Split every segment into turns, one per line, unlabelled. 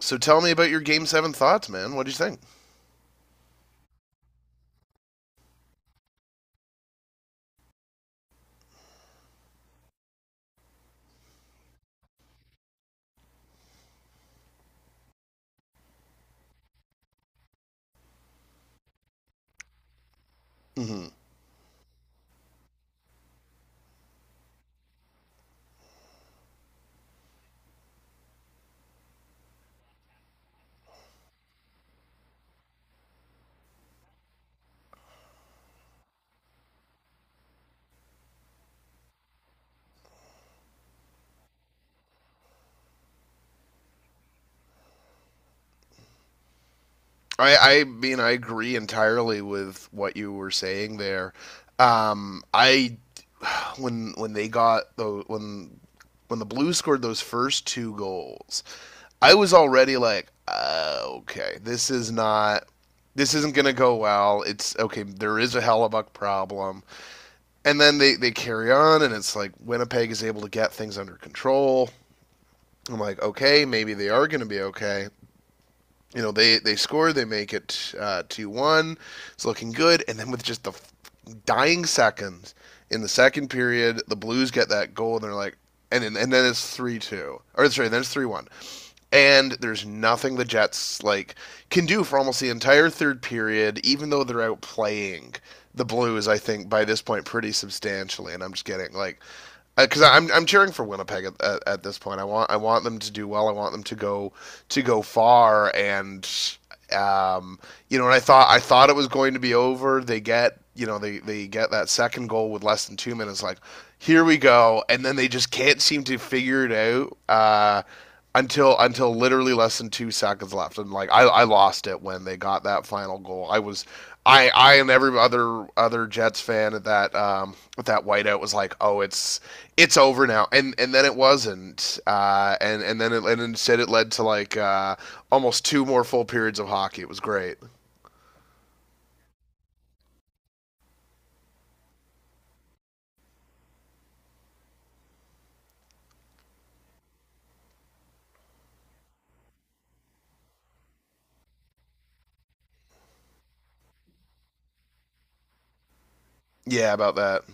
So tell me about your game seven thoughts, man. What do you think? Mm-hmm. I mean, I agree entirely with what you were saying there. I when they got the when the Blues scored those first two goals, I was already like, okay, this is not this isn't going to go well. It's okay, there is a Hellebuck problem. And then they carry on, and it's like Winnipeg is able to get things under control. I'm like, okay, maybe they are going to be okay. You know, they score they make it 2-1. It's looking good, and then with just the dying seconds in the second period, the Blues get that goal, and they're like, and then it's 3-2 or sorry then it's 3-1, and there's nothing the Jets like can do for almost the entire third period, even though they're outplaying the Blues, I think by this point, pretty substantially, and I'm just getting like, because I'm cheering for Winnipeg at this point. I want them to do well. I want them to go far, and um, you know, and I thought it was going to be over. They get, you know, they get that second goal with less than 2 minutes. Like here we go, and then they just can't seem to figure it out. Until literally less than 2 seconds left, and like I lost it when they got that final goal. I was I and every other Jets fan at that at that whiteout was like, oh, it's over now, and then it wasn't, and then it and instead it led to like almost two more full periods of hockey. It was great. Yeah, about that.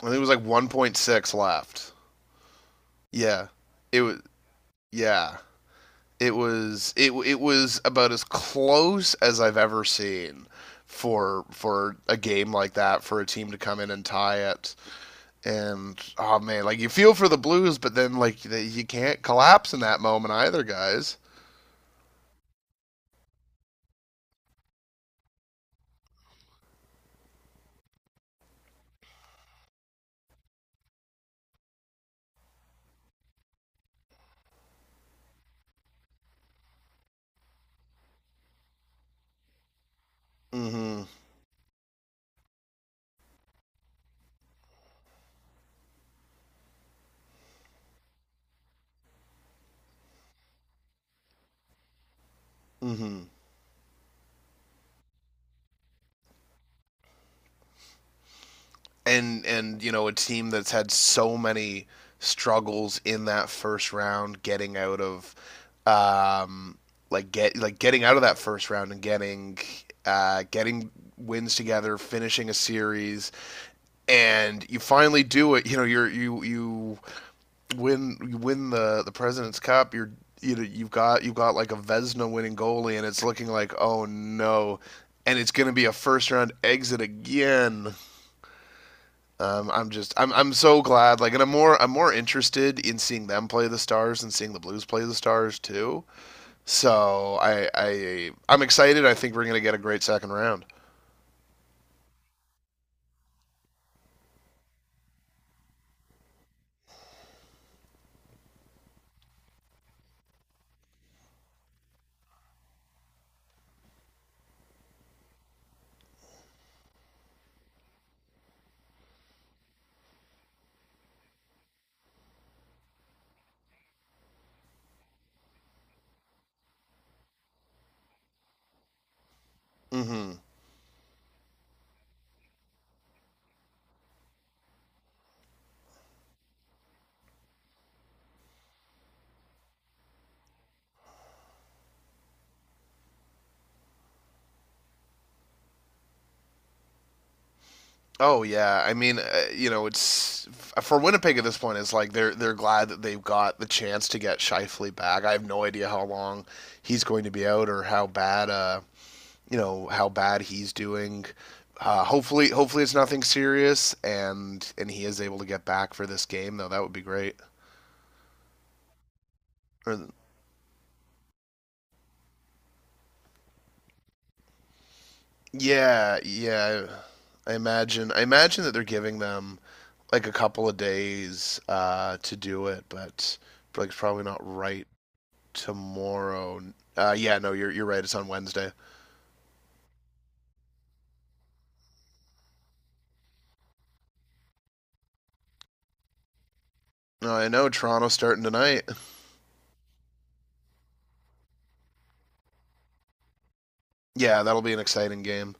I think it was like 1.6 left. Yeah. It was yeah. It was it was about as close as I've ever seen for a game like that, for a team to come in and tie it. And oh man, like you feel for the Blues, but then like you can't collapse in that moment either, guys. Mhm. Mhm. And you know, a team that's had so many struggles in that first round, getting out of um like getting out of that first round and getting getting wins together, finishing a series, and you finally do it. You know, you win the president's cup. You're, you know, you've got like a Vesna winning goalie, and it's looking like oh no, and it's going to be a first round exit again. I'm just I'm so glad, like, and I'm more interested in seeing them play the Stars and seeing the Blues play the Stars too. So I'm excited. I think we're gonna get a great second round. Mm hmm Oh yeah, I mean, you know, it's for Winnipeg at this point. It's like they're glad that they've got the chance to get Shifley back. I have no idea how long he's going to be out or how bad, you know, how bad he's doing. Hopefully it's nothing serious, and he is able to get back for this game though. That would be great. Or, yeah, yeah. I imagine that they're giving them like a couple of days to do it, but like it's probably not right tomorrow. Yeah, no, you're right. It's on Wednesday. No, I know Toronto's starting tonight. Yeah, that'll be an exciting game.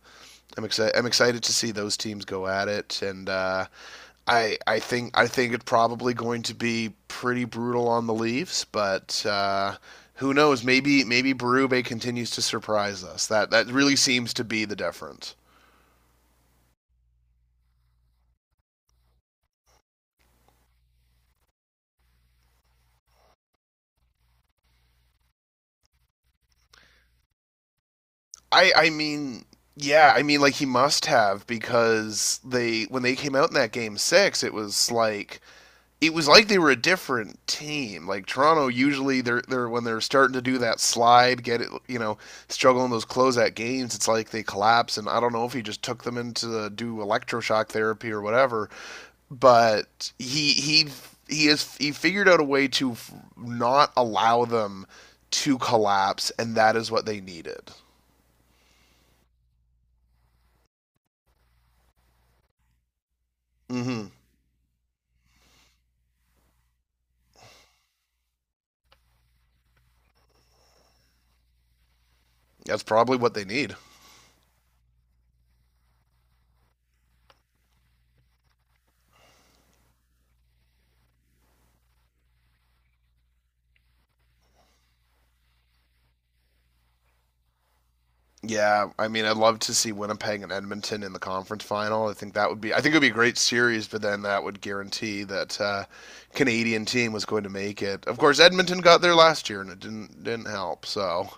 I'm excited. I'm excited to see those teams go at it, and I think I think it's probably going to be pretty brutal on the Leafs, but who knows? Maybe Berube continues to surprise us. That really seems to be the difference. I mean. Yeah, I mean, like he must have, because they when they came out in that game six, it was like they were a different team. Like Toronto, usually they're when they're starting to do that slide, get it, you know, struggling those closeout games. It's like they collapse, and I don't know if he just took them into the, do electroshock therapy or whatever. But he has he figured out a way to not allow them to collapse, and that is what they needed. Hmm. That's probably what they need. Yeah, I mean, I'd love to see Winnipeg and Edmonton in the conference final. I think that would be, I think it would be a great series, but then that would guarantee that Canadian team was going to make it. Of course, Edmonton got there last year, and it didn't help. So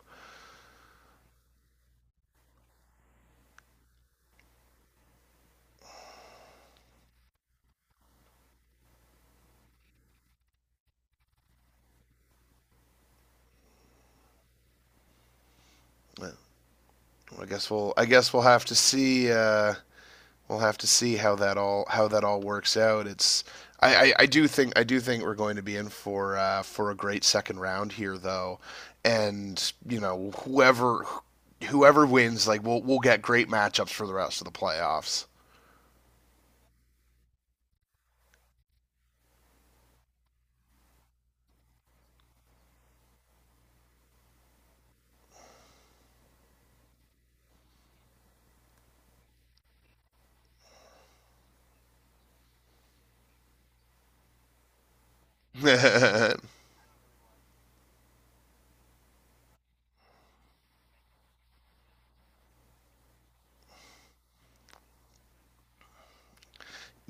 well, I guess we'll have to see. We'll have to see how that all works out. It's I do think we're going to be in for a great second round here though, and you know, whoever wins, like we'll get great matchups for the rest of the playoffs.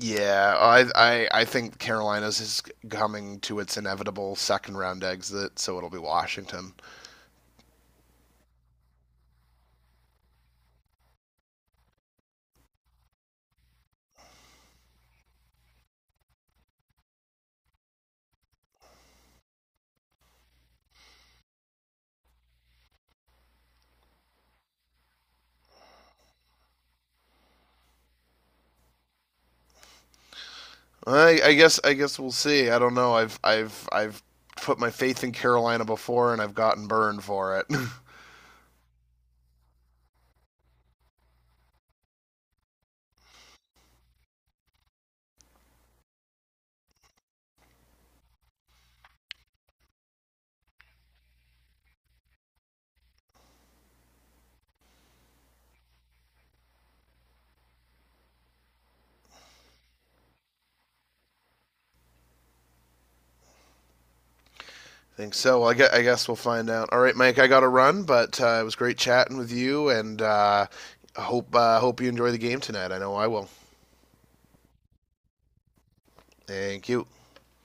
Yeah, I think Carolina's is coming to its inevitable second round exit, so it'll be Washington. I guess we'll see. I don't know. I've put my faith in Carolina before, and I've gotten burned for it. I think so. Well, I guess we'll find out. All right, Mike. I got to run, but it was great chatting with you, and I hope hope you enjoy the game tonight. I know I will. Thank you.